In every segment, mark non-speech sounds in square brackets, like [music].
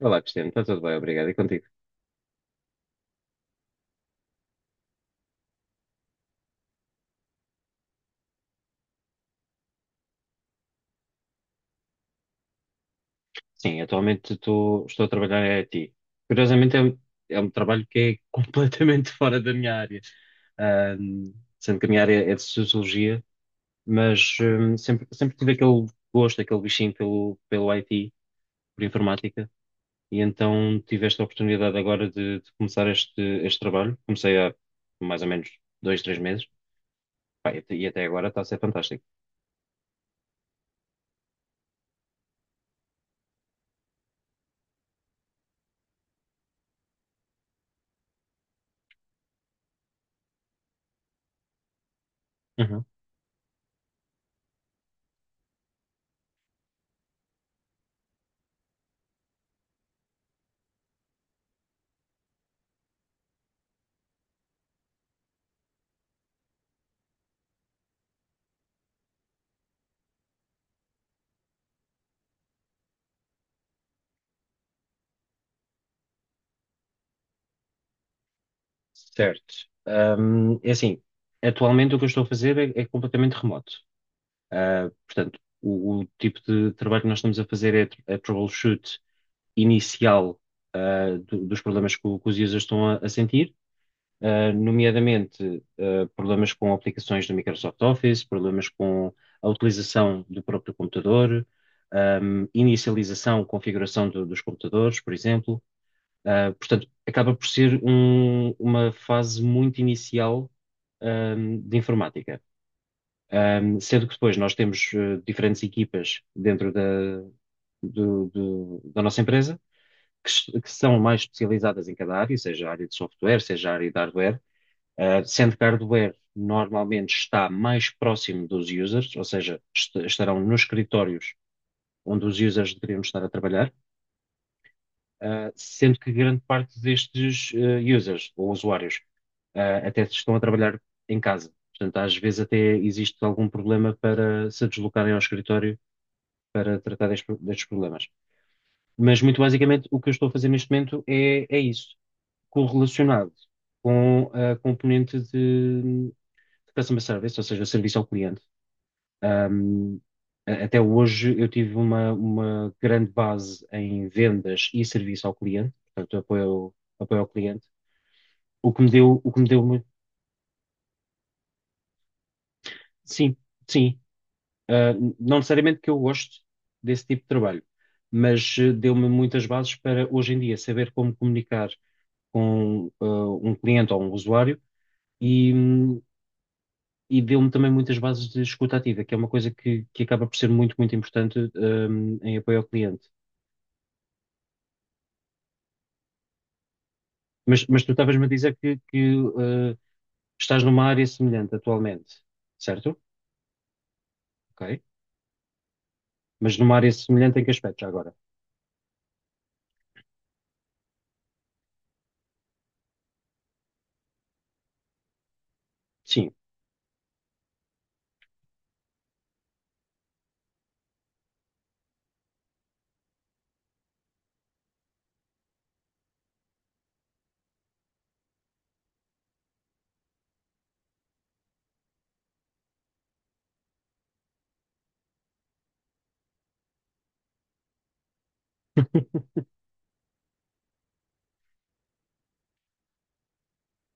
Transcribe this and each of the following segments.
Olá, Cristiano, está tudo bem, obrigado. E contigo? Sim, atualmente estou a trabalhar em IT. Curiosamente, é um trabalho que é [laughs] completamente fora da minha área. Ahm, sendo que a minha área é de sociologia, mas sempre tive aquele gosto, aquele bichinho pelo IT, por informática, e então tive esta oportunidade agora de começar este trabalho. Comecei há mais ou menos dois, três meses. Pá, e até agora está a ser fantástico. Certo. É assim, atualmente o que eu estou a fazer é completamente remoto. Ah, portanto, o tipo de trabalho que nós estamos a fazer é troubleshoot inicial, ah, dos problemas que, que os users estão a sentir, ah, nomeadamente, ah, problemas com aplicações do Microsoft Office, problemas com a utilização do próprio computador, inicialização, configuração dos computadores, por exemplo. Portanto, acaba por ser uma fase muito inicial, de informática. Um, sendo que depois nós temos diferentes equipas dentro da, da nossa empresa que são mais especializadas em cada área, seja a área de software, seja a área de hardware. Sendo que a hardware normalmente está mais próximo dos users, ou seja, estarão nos escritórios onde os users deveriam estar a trabalhar. Sendo que grande parte destes users ou usuários até se estão a trabalhar em casa. Portanto, às vezes até existe algum problema para se deslocarem ao escritório para tratar destes, destes problemas. Mas, muito basicamente, o que eu estou a fazer neste momento é isso, correlacionado com a componente de customer service, ou seja, serviço ao cliente. Um, Até hoje eu tive uma grande base em vendas e serviço ao cliente, portanto, apoio, apoio ao cliente, o que me deu muito. Sim, sim. Ah, não necessariamente que eu goste desse tipo de trabalho, mas deu-me muitas bases para hoje em dia saber como comunicar com um cliente ou um usuário e e deu-me também muitas bases de escuta ativa, que é uma coisa que acaba por ser muito, muito importante, em apoio ao cliente. Mas tu estavas-me a dizer que, eh, estás numa área semelhante atualmente, certo? Ok. Mas numa área semelhante em que aspecto já agora? Sim.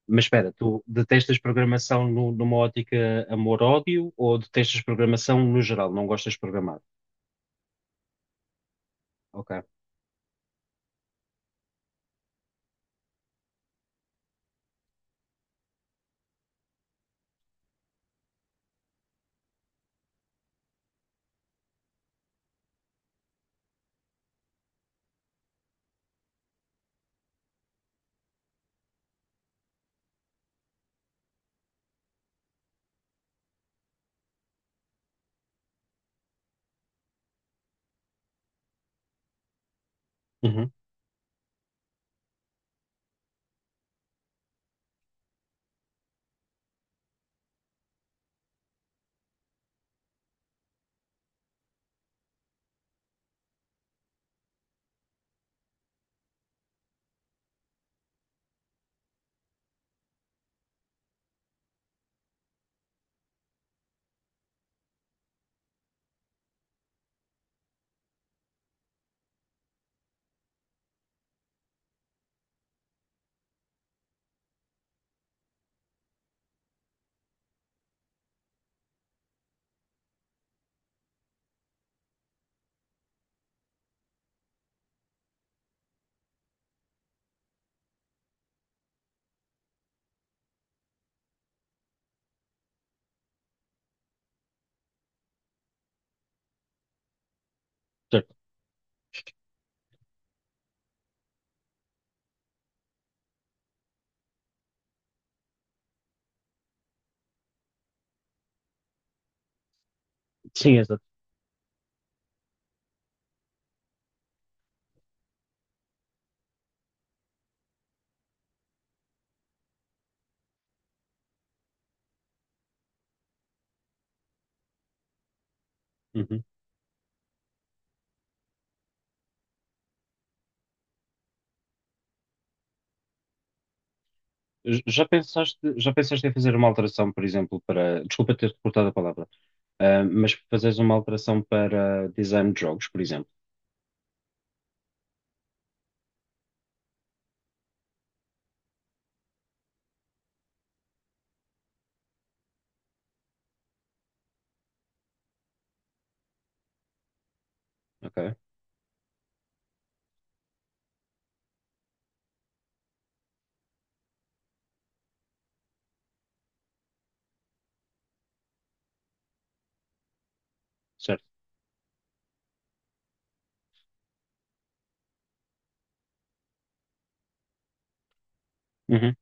Mas espera, tu detestas programação numa ótica amor-ódio ou detestas programação no geral? Não gostas de programar? Ok. Uhum. Certo. Sim, exato. Uhum. Já pensaste em fazer uma alteração, por exemplo, para. Desculpa ter-te cortado a palavra, ah, mas fazeres uma alteração para design de jogos, por exemplo. Ok. Certo. Uhum.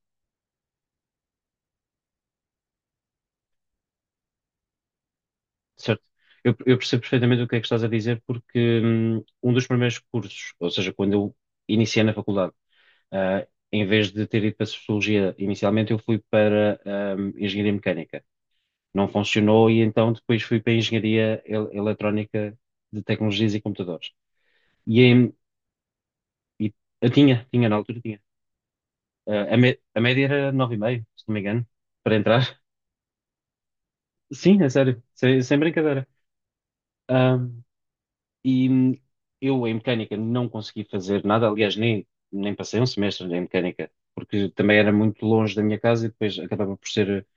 Certo. Eu percebo perfeitamente o que é que estás a dizer, porque um dos primeiros cursos, ou seja, quando eu iniciei na faculdade, ah, em vez de ter ido para Sociologia inicialmente, eu fui para Engenharia Mecânica. Não funcionou e então depois fui para Engenharia Eletrónica de Tecnologias e Computadores. E, em- e- eu tinha, tinha na altura, tinha. A média era 9,5, se não me engano, para entrar. [laughs] Sim, é sério, sem, sem brincadeira. Hum, E hum, eu em mecânica não consegui fazer nada, aliás, nem, nem passei um semestre em mecânica, porque também era muito longe da minha casa e depois acabava por ser,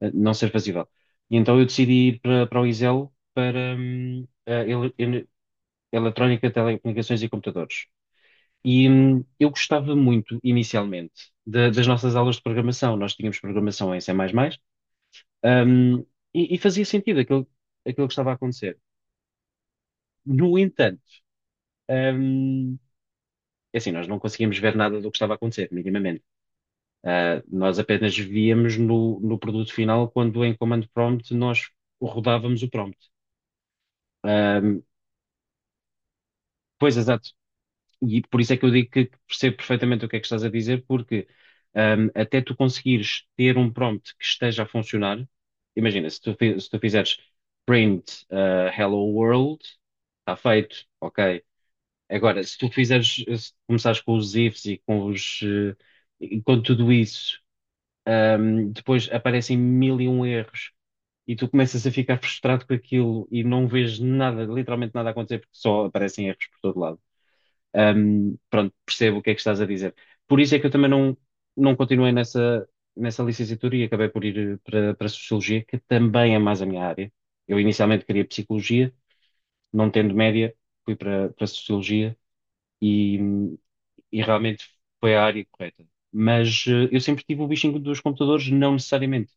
eh, não ser fazível. E então eu decidi ir para, para o ISEL para Eletrónica, Telecomunicações e Computadores. E eu gostava muito, inicialmente, das nossas aulas de programação. Nós tínhamos programação em C++, hum, e fazia sentido aquilo que estava a acontecer. No entanto, hum, é assim, nós não conseguíamos ver nada do que estava a acontecer, minimamente. Ah, nós apenas víamos no produto final quando em command prompt nós rodávamos o prompt. Ah, Pois, exato. E por isso é que eu digo que percebo perfeitamente o que é que estás a dizer, porque ah, até tu conseguires ter um prompt que esteja a funcionar, imagina, se tu fizeres print hello world, está feito, ok. Agora, se tu fizeres, se começares com os ifs e com os, eh, e com tudo isso. Depois aparecem mil e um erros e tu começas a ficar frustrado com aquilo e não vês nada, literalmente nada a acontecer porque só aparecem erros por todo lado. Pronto, percebo o que é que estás a dizer. Por isso é que eu também não continuei nessa, nessa licenciatura e acabei por ir para Sociologia, que também é mais a minha área. Eu inicialmente queria Psicologia, não tendo média, fui para, para Sociologia e, e realmente foi a área correta. Mas eu sempre tive o bichinho dos computadores, não necessariamente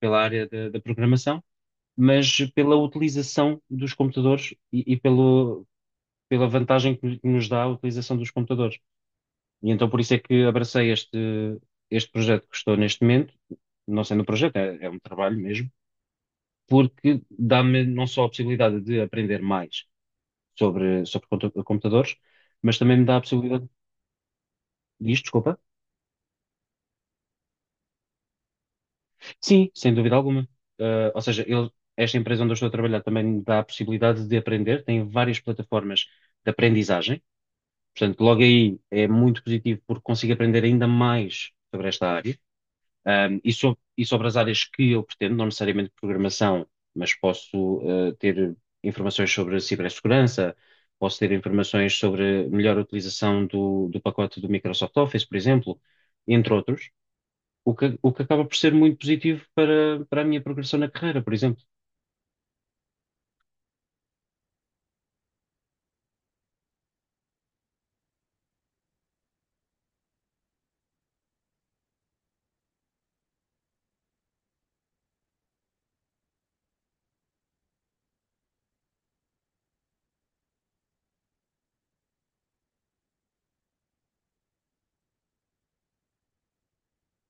pela área da programação, mas pela utilização dos computadores e pela vantagem que nos dá a utilização dos computadores. E então por isso é que abracei este, este projeto que estou neste momento, não sendo um projeto, é um trabalho mesmo, porque dá-me não só a possibilidade de aprender mais sobre, sobre computadores, mas também me dá a possibilidade. Diz, desculpa. Sim, sem dúvida alguma. Ah, ou seja, esta empresa onde eu estou a trabalhar também me dá a possibilidade de aprender, tem várias plataformas de aprendizagem, portanto, logo aí é muito positivo porque consigo aprender ainda mais sobre esta área, e sobre as áreas que eu pretendo, não necessariamente programação, mas posso, ah, ter informações sobre cibersegurança, posso ter informações sobre melhor utilização do pacote do Microsoft Office, por exemplo, entre outros. O que acaba por ser muito positivo para a minha progressão na carreira, por exemplo.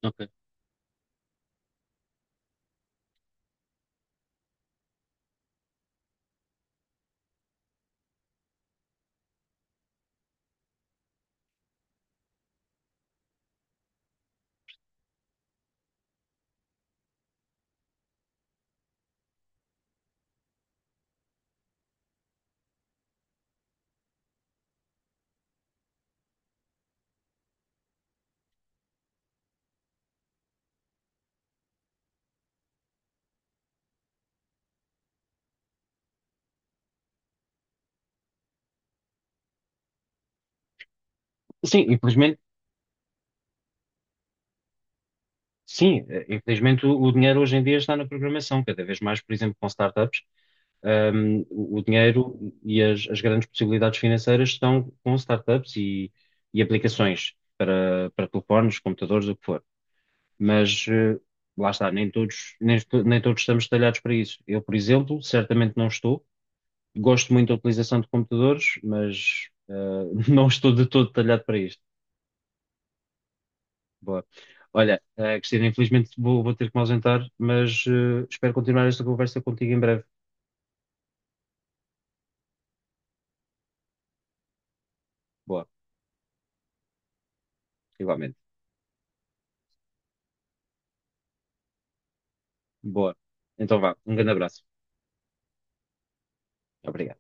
Ok. Sim, infelizmente, sim, eh, infelizmente o dinheiro hoje em dia está na programação, cada vez mais, por exemplo, com startups, o o dinheiro e as grandes possibilidades financeiras estão com startups e aplicações para, para telefones, computadores, o que for. Mas lá está, nem todos estamos talhados para isso. Eu, por exemplo, certamente não estou. Gosto muito da utilização de computadores, mas [laughs] não estou de todo talhado para isto. Boa. Olha, Cristina, infelizmente vou ter que me ausentar, mas espero continuar esta conversa contigo em breve. Boa, igualmente. Boa. Então vá, um grande abraço. Obrigado.